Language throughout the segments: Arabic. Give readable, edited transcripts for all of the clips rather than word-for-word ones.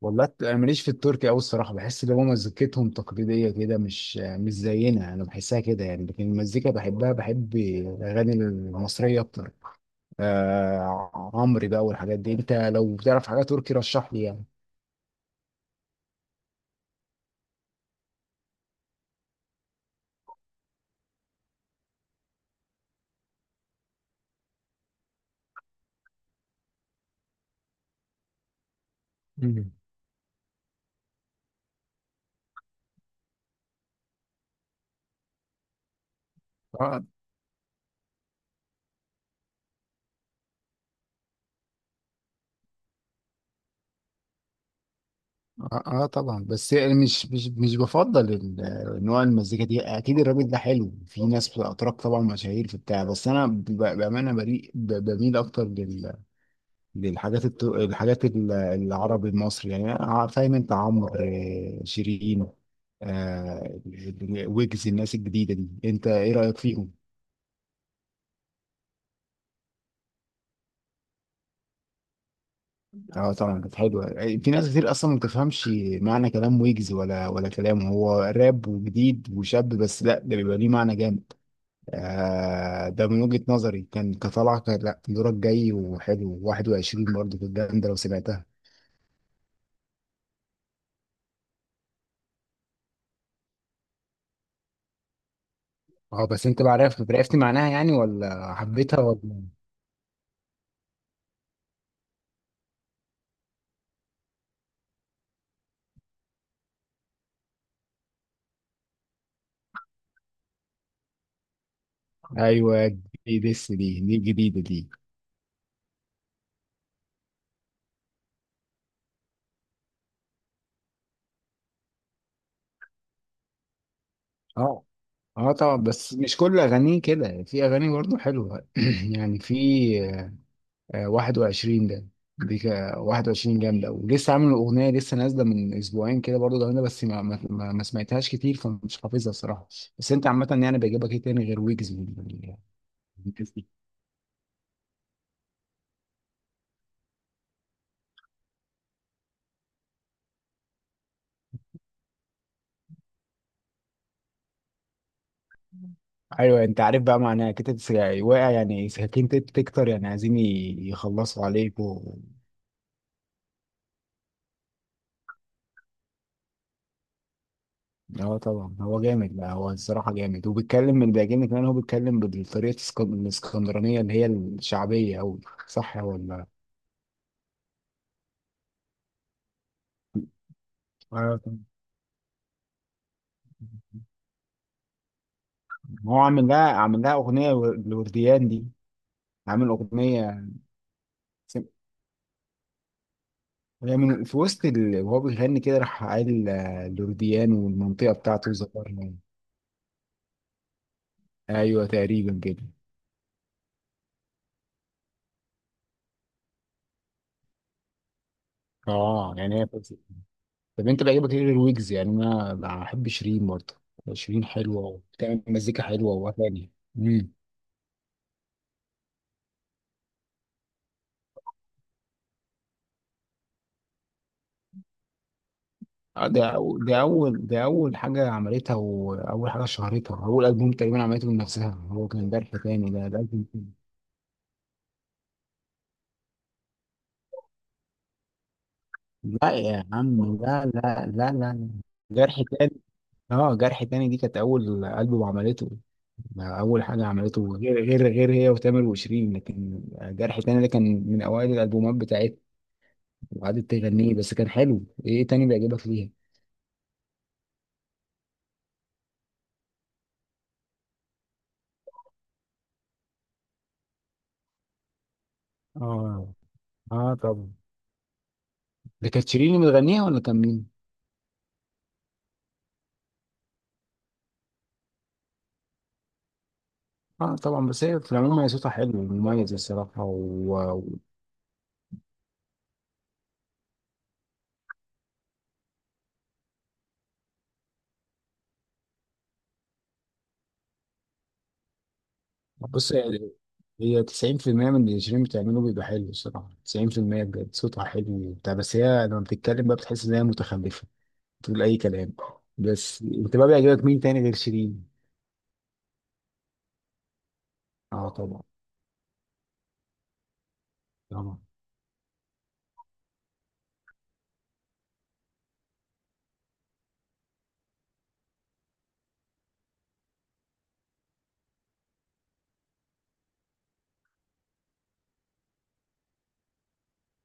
والله انا ماليش في التركي قوي الصراحه، بحس ان هو مزيكتهم تقليديه كده، مش زينا، انا بحسها كده يعني، لكن المزيكا بحبها، بحب الاغاني المصريه اكتر. آه عمرو بقى والحاجات دي، انت لو بتعرف حاجه تركي رشح لي يعني. مم. اه اه آه طبعا، بس يعني مش بفضل نوع المزيكا دي، اكيد الراجل ده حلو، في ناس بتبقى اتراك طبعا مشاهير في بتاع، بس انا بامانه بريء، بميل اكتر للحاجات الحاجات العربي المصري يعني، آه، فاهم انت عمرو، آه، شيرين، آه، ويجز، الناس الجديده دي، انت ايه رايك فيهم؟ اه طبعا كانت حلوه. في ناس كتير اصلا ما بتفهمش معنى كلام ويجز، ولا كلامه، هو راب وجديد وشاب بس لا، ده بيبقى ليه معنى جامد. آه ده من وجهه نظري، كان كطلع كان لا دورك جاي وحلو، 21 برضه كانت جامده لو سمعتها. اه بس انت بقى عرفت عرفت معناها يعني، ولا حبيتها ولا؟ ايوه جديد لسه، دي جديده دي. اه اه طبعا، بس مش كل اغانيه كده، في اغاني برضه حلوه يعني في، آه، 21 ده، دي 21 جامده، ولسه عامل اغنيه لسه نازله من اسبوعين كده برضه جامده، بس ما سمعتهاش كتير فمش حافظها الصراحه. بس انت عامه يعني بيعجبك ايه تاني غير ويجز من الناس دي؟ ايوه انت عارف بقى معناها كده. واقع يعني ساكن، تكتر يعني عايزين يخلصوا عليك. اه طبعا هو جامد بقى، هو الصراحه جامد وبيتكلم، من بيعجبني كمان هو بيتكلم بالطريقه الاسكندرانيه اللي هي الشعبيه، او صح ولا؟ أيوة طبعا. هو عامل لها اغنيه لورديان دي، عامل اغنيه. سم- هي من في وسط وهو بيغني كده راح قال، آه، لورديان والمنطقه بتاعته ذكرنا. ايوه تقريبا كده. اه يعني هي فوزي. طب انت بيعجبك ايه غير ويجز يعني؟ انا بحب شيرين برضه، شيرين حلوه وبتعمل مزيكا حلوه واغاني. آه، ده ده اول حاجه عملتها، واول حاجه شهرتها، اول البوم تقريبا عملته بنفسها، هو كان جرح تاني، ده ألبوم تاني. لا يا عم، لا لا لا لا، جرح تاني. اه جرح تاني دي كانت اول البوم عملته، ده اول حاجه عملته غير هي وتامر وشيرين، لكن جرح تاني ده كان من اوائل الالبومات بتاعتها، وقعدت تغنيه بس كان حلو. ايه تاني بيعجبك فيها؟ اه اه طبعا. ده كانت شيرين اللي بتغنيها، ولا كان مين؟ اه طبعا، بس هي في العموم هي صوتها حلو ومميز الصراحة، وبص، هي 90% من اللي شيرين بتعمله بيبقى حلو الصراحة، 90% بجد صوتها حلو وبتاع، بس هي لما بتتكلم بقى بتحس إن هي متخلفة، بتقول أي كلام. بس أنت بقى بيعجبك مين تاني غير شيرين؟ اه طبعا.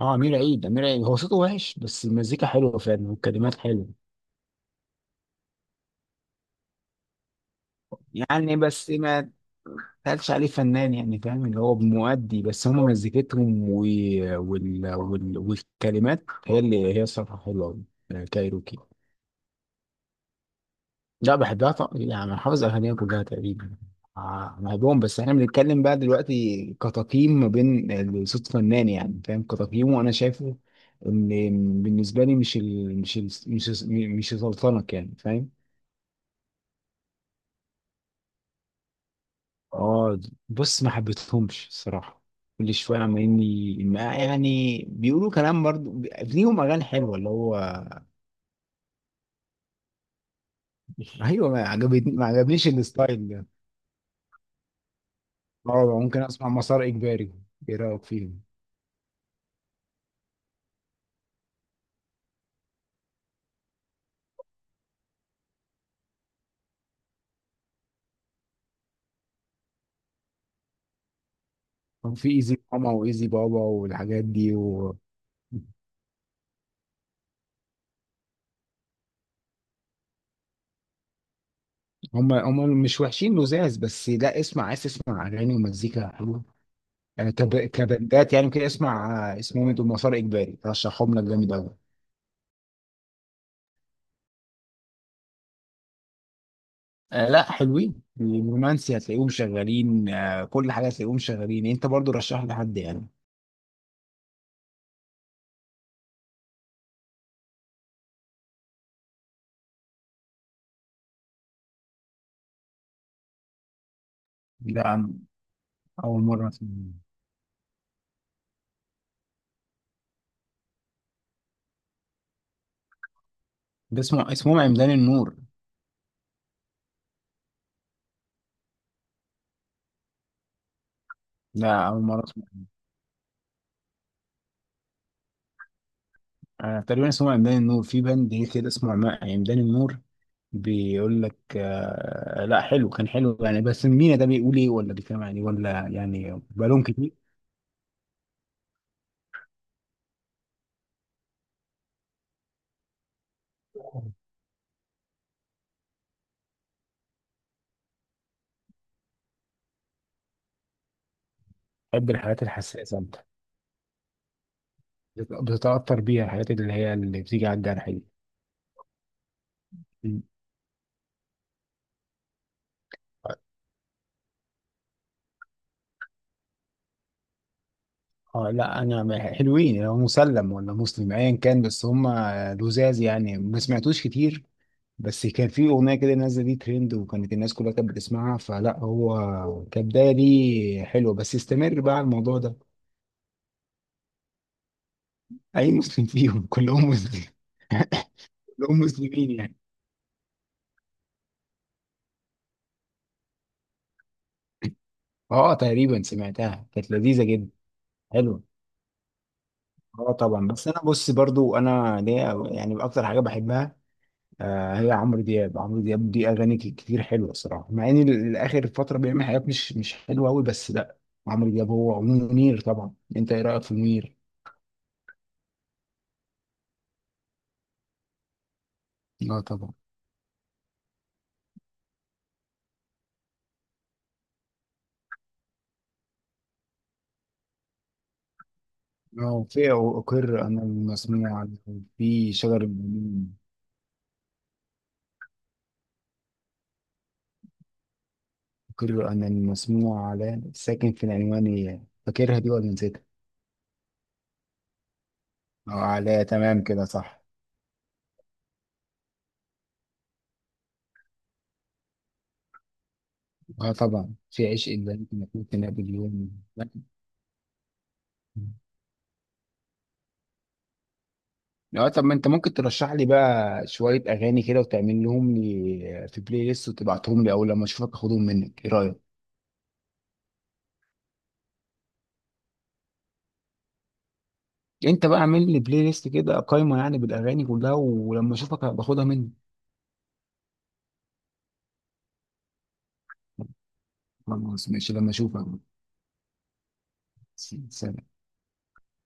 اه أمير عيد، أمير عيد هو صوته وحش بس المزيكا حلوة فعلا والكلمات حلوة، يعني بس ما قالش عليه فنان، يعني فاهم اللي هو مؤدي، بس هم مزيكتهم والكلمات هي اللي هي الصراحة حلوة أوي. آه، كايروكي، لا بحبها طبعا يعني، أنا حافظ أغانيها كلها تقريبا. آه، بحبهم، بس احنا بنتكلم بقى دلوقتي كتقييم ما بين صوت فنان، يعني فاهم كتقييمه، وأنا شايفه إن بالنسبة لي مش ال... مش ال... مش مش سلطنة، يعني فاهم. اه بص، ما حبيتهمش الصراحه، كل شويه عمالين يعني بيقولوا كلام، برضه ليهم اغاني حلوه اللي هو. ايوه ما عجبتني، ما عجبنيش الستايل ده. اه ممكن اسمع مسار اجباري، ايه رايك فيهم؟ كان في ايزي ماما وايزي بابا والحاجات دي و... هم مش وحشين لزاز، بس لا اسمع، عايز تسمع اغاني ومزيكا حلوه يعني، كبندات يعني كده، اسمع، آه، اسمهم إيه دول، مسار اجباري، رشحهم لك جامد قوي. آه لا حلوين، الرومانسي هتلاقيهم شغالين، آه كل حاجه هتلاقيهم شغالين. انت برضو رشح لحد يعني. ده عن- اول مره اسمع. ده اسمهم عمدان النور. لا اول مره اسمع. آه تقريبا اسمهم عمدان النور، في بند هي كده اسمه عمدان النور، بيقول لك، آه لا حلو كان حلو يعني، بس مين ده، بيقول ايه، ولا بيتكلم عن ايه، ولا يعني بقالهم كتير. بحب الحاجات الحساسه انت، بتتاثر بيها الحاجات اللي هي اللي بتيجي على الجرح دي. اه لا انا حلوين، لو مسلم ولا مسلم ايا كان، بس هم لزاز يعني ما سمعتوش كتير، بس كان في اغنيه كده نازله دي ترند، وكانت الناس كلها كانت بتسمعها، فلا هو كبدايه دي حلوه بس استمر بقى على الموضوع ده. اي مسلم فيهم، كلهم مسلم كلهم مسلمين يعني. اه تقريبا سمعتها كانت لذيذه جدا. حلوه اه طبعا، بس انا بص برضو، انا ليا يعني اكتر حاجه بحبها، آه، هي عمرو دياب. عمرو دياب دي اغاني كتير حلوه الصراحه، مع ان الاخر فتره بيعمل حاجات مش حلوه قوي بس لا. عمرو دياب هو منير طبعا. انت ايه رايك في منير؟ اه طبعا. اه في اقر انا المسموع على، في شجر المؤمنين، اقر انا المسموع على ساكن في العنوان، فاكرها دي ولا نسيتها؟ اه على تمام كده صح. اه طبعا، في عشق اللي ممكن يكون في نابليون. اه طب ما انت ممكن ترشح لي بقى شوية اغاني كده، وتعمل لهم لي في بلاي ليست وتبعتهم لي، او لما اشوفك اخدهم منك، ايه رأيك؟ انت بقى اعمل لي بلاي ليست كده، قايمة يعني بالاغاني كلها، ولما اشوفك باخدها منك. خلاص ماشي لما اشوفك. سلام.